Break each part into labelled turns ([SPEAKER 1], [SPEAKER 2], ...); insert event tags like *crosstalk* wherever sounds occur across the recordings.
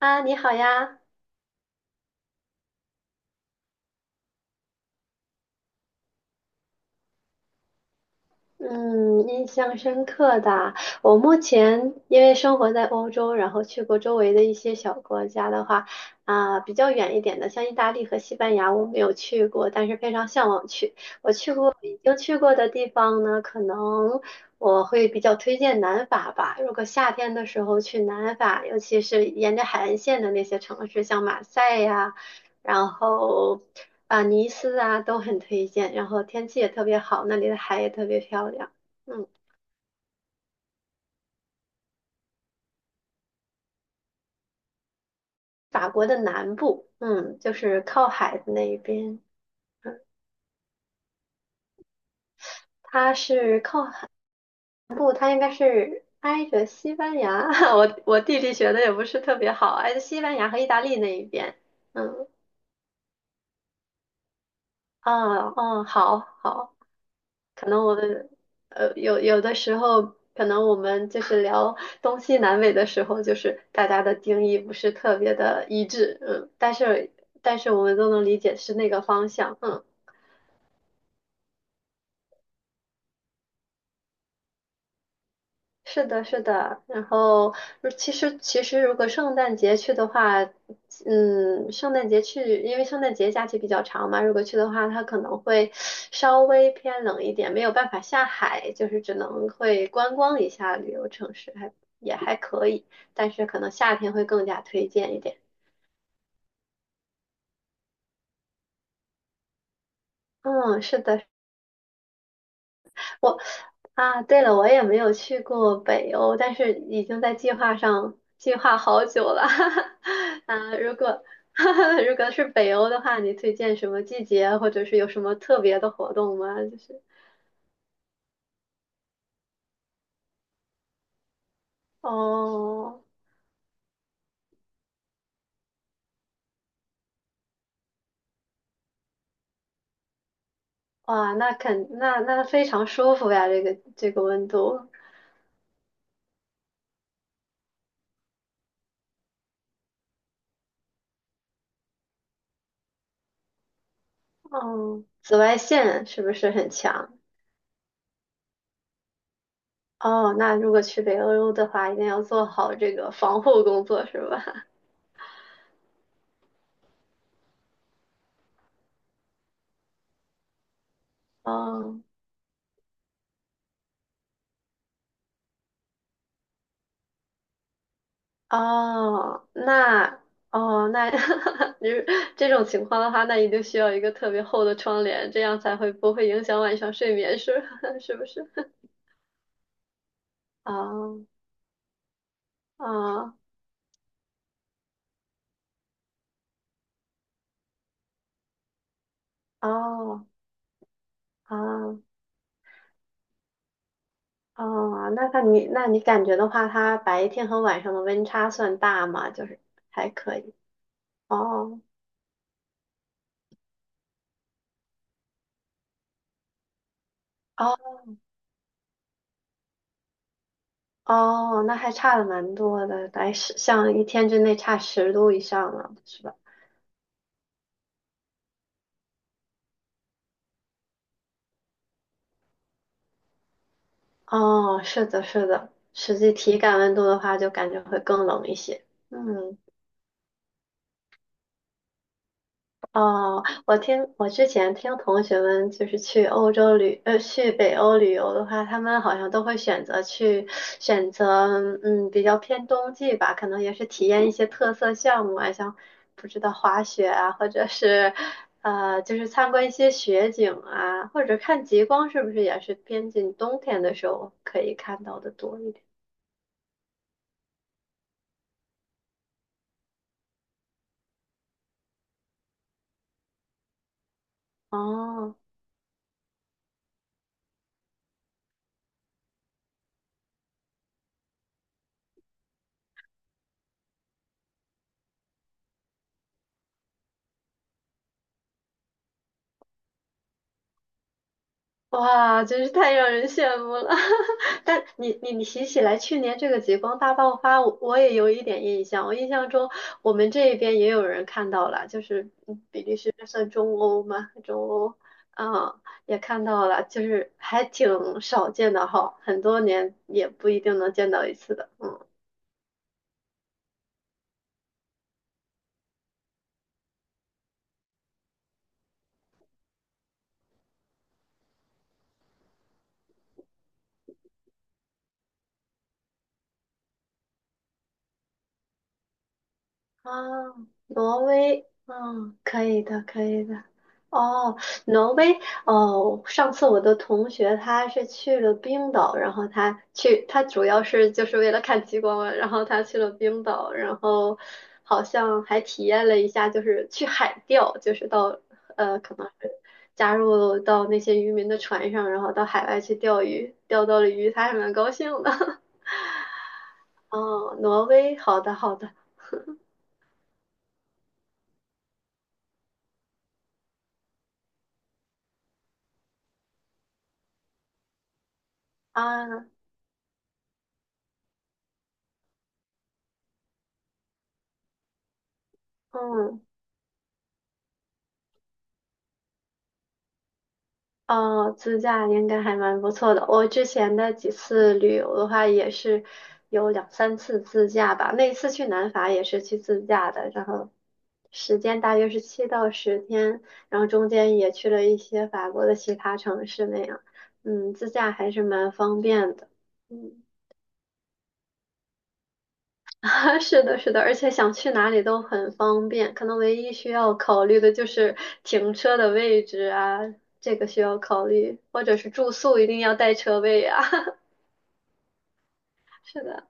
[SPEAKER 1] 啊，你好呀。嗯，印象深刻的，我目前因为生活在欧洲，然后去过周围的一些小国家的话，啊，比较远一点的，像意大利和西班牙，我没有去过，但是非常向往去。我去过，已经去过的地方呢，可能我会比较推荐南法吧。如果夏天的时候去南法，尤其是沿着海岸线的那些城市，像马赛呀。然后啊，尼斯啊都很推荐，然后天气也特别好，那里的海也特别漂亮。嗯，法国的南部，嗯，就是靠海的那一边，嗯，它是靠海南部，它应该是挨着西班牙。*laughs* 我地理学的也不是特别好，挨着西班牙和意大利那一边。嗯，哦哦，好好。可能我们有的时候，可能我们就是聊东西南北的时候，就是大家的定义不是特别的一致，嗯，但是但是我们都能理解是那个方向，嗯。是的，是的，然后如其实其实如果圣诞节去的话，嗯，圣诞节去，因为圣诞节假期比较长嘛，如果去的话，它可能会稍微偏冷一点，没有办法下海，就是只能会观光一下旅游城市，还也还可以，但是可能夏天会更加推荐一点。嗯，是的，我啊，对了，我也没有去过北欧，但是已经在计划上计划好久了。*laughs* 啊，如果 *laughs* 如果是北欧的话，你推荐什么季节，或者是有什么特别的活动吗？就是哦，哇，那肯那那非常舒服呀，这个这个温度。哦，紫外线是不是很强？哦，那如果去北欧的话，一定要做好这个防护工作，是吧？*laughs* 哦。哦，那哦，那 *laughs* 你这种情况的话，那你就需要一个特别厚的窗帘，这样才会不会影响晚上睡眠，是 *laughs* 是不是？*laughs* 哦哦哦哦哦，那看你你感觉的话，它白天和晚上的温差算大吗？就是还可以。哦哦哦，那还差的蛮多的，来十像一天之内差10度以上了，是吧？哦，是的，是的，实际体感温度的话，就感觉会更冷一些。嗯，哦，我听我之前听同学们就是去欧洲旅，去北欧旅游的话，他们好像都会选择去选择，嗯，比较偏冬季吧，可能也是体验一些特色项目啊，像不知道滑雪啊，或者是就是参观一些雪景啊，或者看极光，是不是也是偏近冬天的时候可以看到的多一点？哦。哇，真是太让人羡慕了！*laughs* 但你提起来去年这个极光大爆发，我也有一点印象。我印象中我们这边也有人看到了，就是嗯比利时这算中欧吗？中欧，嗯，也看到了，就是还挺少见的哈，很多年也不一定能见到一次的。嗯。啊，挪威，嗯，可以的，可以的。哦，挪威，哦，上次我的同学他是去了冰岛，然后他去，他主要是就是为了看极光嘛然后他去了冰岛，然后好像还体验了一下，就是去海钓，就是到可能是加入到那些渔民的船上，然后到海外去钓鱼，钓到了鱼，他还蛮高兴的。*laughs* 哦，挪威，好的，好的，啊，嗯。哦，自驾应该还蛮不错的。我之前的几次旅游的话，也是有两三次自驾吧。那一次去南法也是去自驾的，然后时间大约是7到10天，然后中间也去了一些法国的其他城市那样。嗯，自驾还是蛮方便的。嗯。啊，*laughs* 是的，是的，而且想去哪里都很方便，可能唯一需要考虑的就是停车的位置啊，这个需要考虑，或者是住宿一定要带车位啊。*laughs* 是的。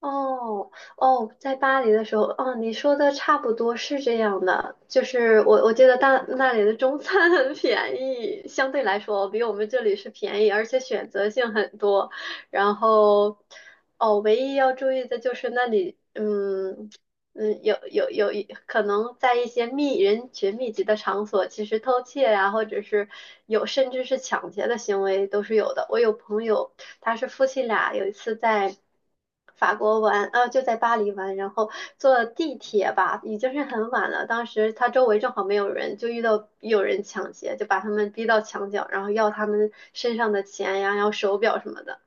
[SPEAKER 1] 哦哦，在巴黎的时候，哦，你说的差不多是这样的，就是我记得大那里的中餐 *laughs* 很便宜，相对来说比我们这里是便宜，而且选择性很多。然后，哦，唯一要注意的就是那里，嗯嗯，有有有一可能在一些密人群密集的场所，其实偷窃呀、或者是有甚至是抢劫的行为都是有的。我有朋友。他是夫妻俩有一次在法国玩，啊，就在巴黎玩，然后坐地铁吧，已经是很晚了。当时他周围正好没有人，就遇到有人抢劫，就把他们逼到墙角，然后要他们身上的钱呀，要手表什么的。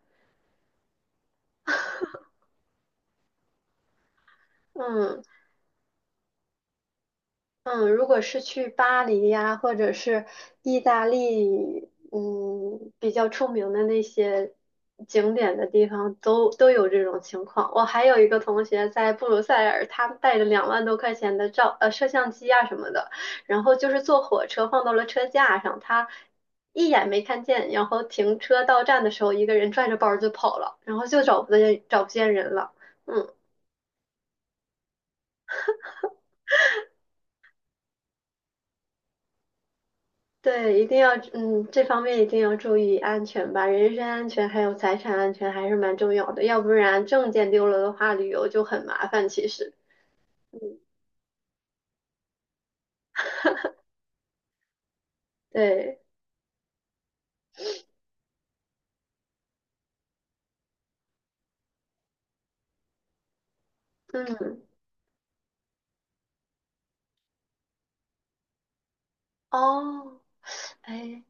[SPEAKER 1] 嗯。嗯，如果是去巴黎呀，或者是意大利，嗯，比较出名的那些景点的地方，都有这种情况。我还有一个同学在布鲁塞尔，他带着2万多块钱的照摄像机啊什么的，然后就是坐火车放到了车架上，他一眼没看见，然后停车到站的时候，一个人拽着包就跑了，然后就找不见人了。嗯。对，一定要，嗯，这方面一定要注意安全吧，人身安全还有财产安全还是蛮重要的，要不然证件丢了的话，旅游就很麻烦。其实，嗯，对，嗯，哦，哎，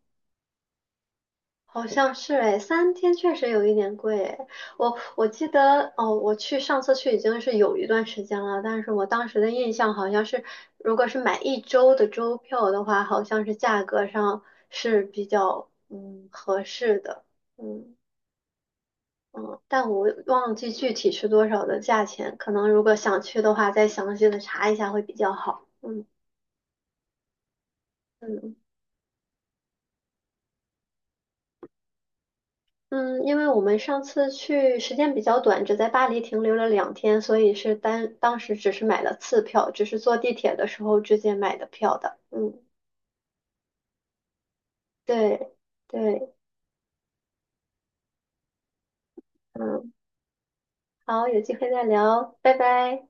[SPEAKER 1] 好像是哎，三天确实有一点贵哎我记得哦，我去上次去已经是有一段时间了，但是我当时的印象好像是，如果是买一周的周票的话，好像是价格上是比较嗯合适的，嗯。嗯，但我忘记具体是多少的价钱，可能如果想去的话，再详细的查一下会比较好。嗯嗯嗯，因为我们上次去时间比较短，只在巴黎停留了2天，所以是单当时只是买了次票，只是坐地铁的时候直接买的票的。嗯，对对，嗯，好，有机会再聊，拜拜。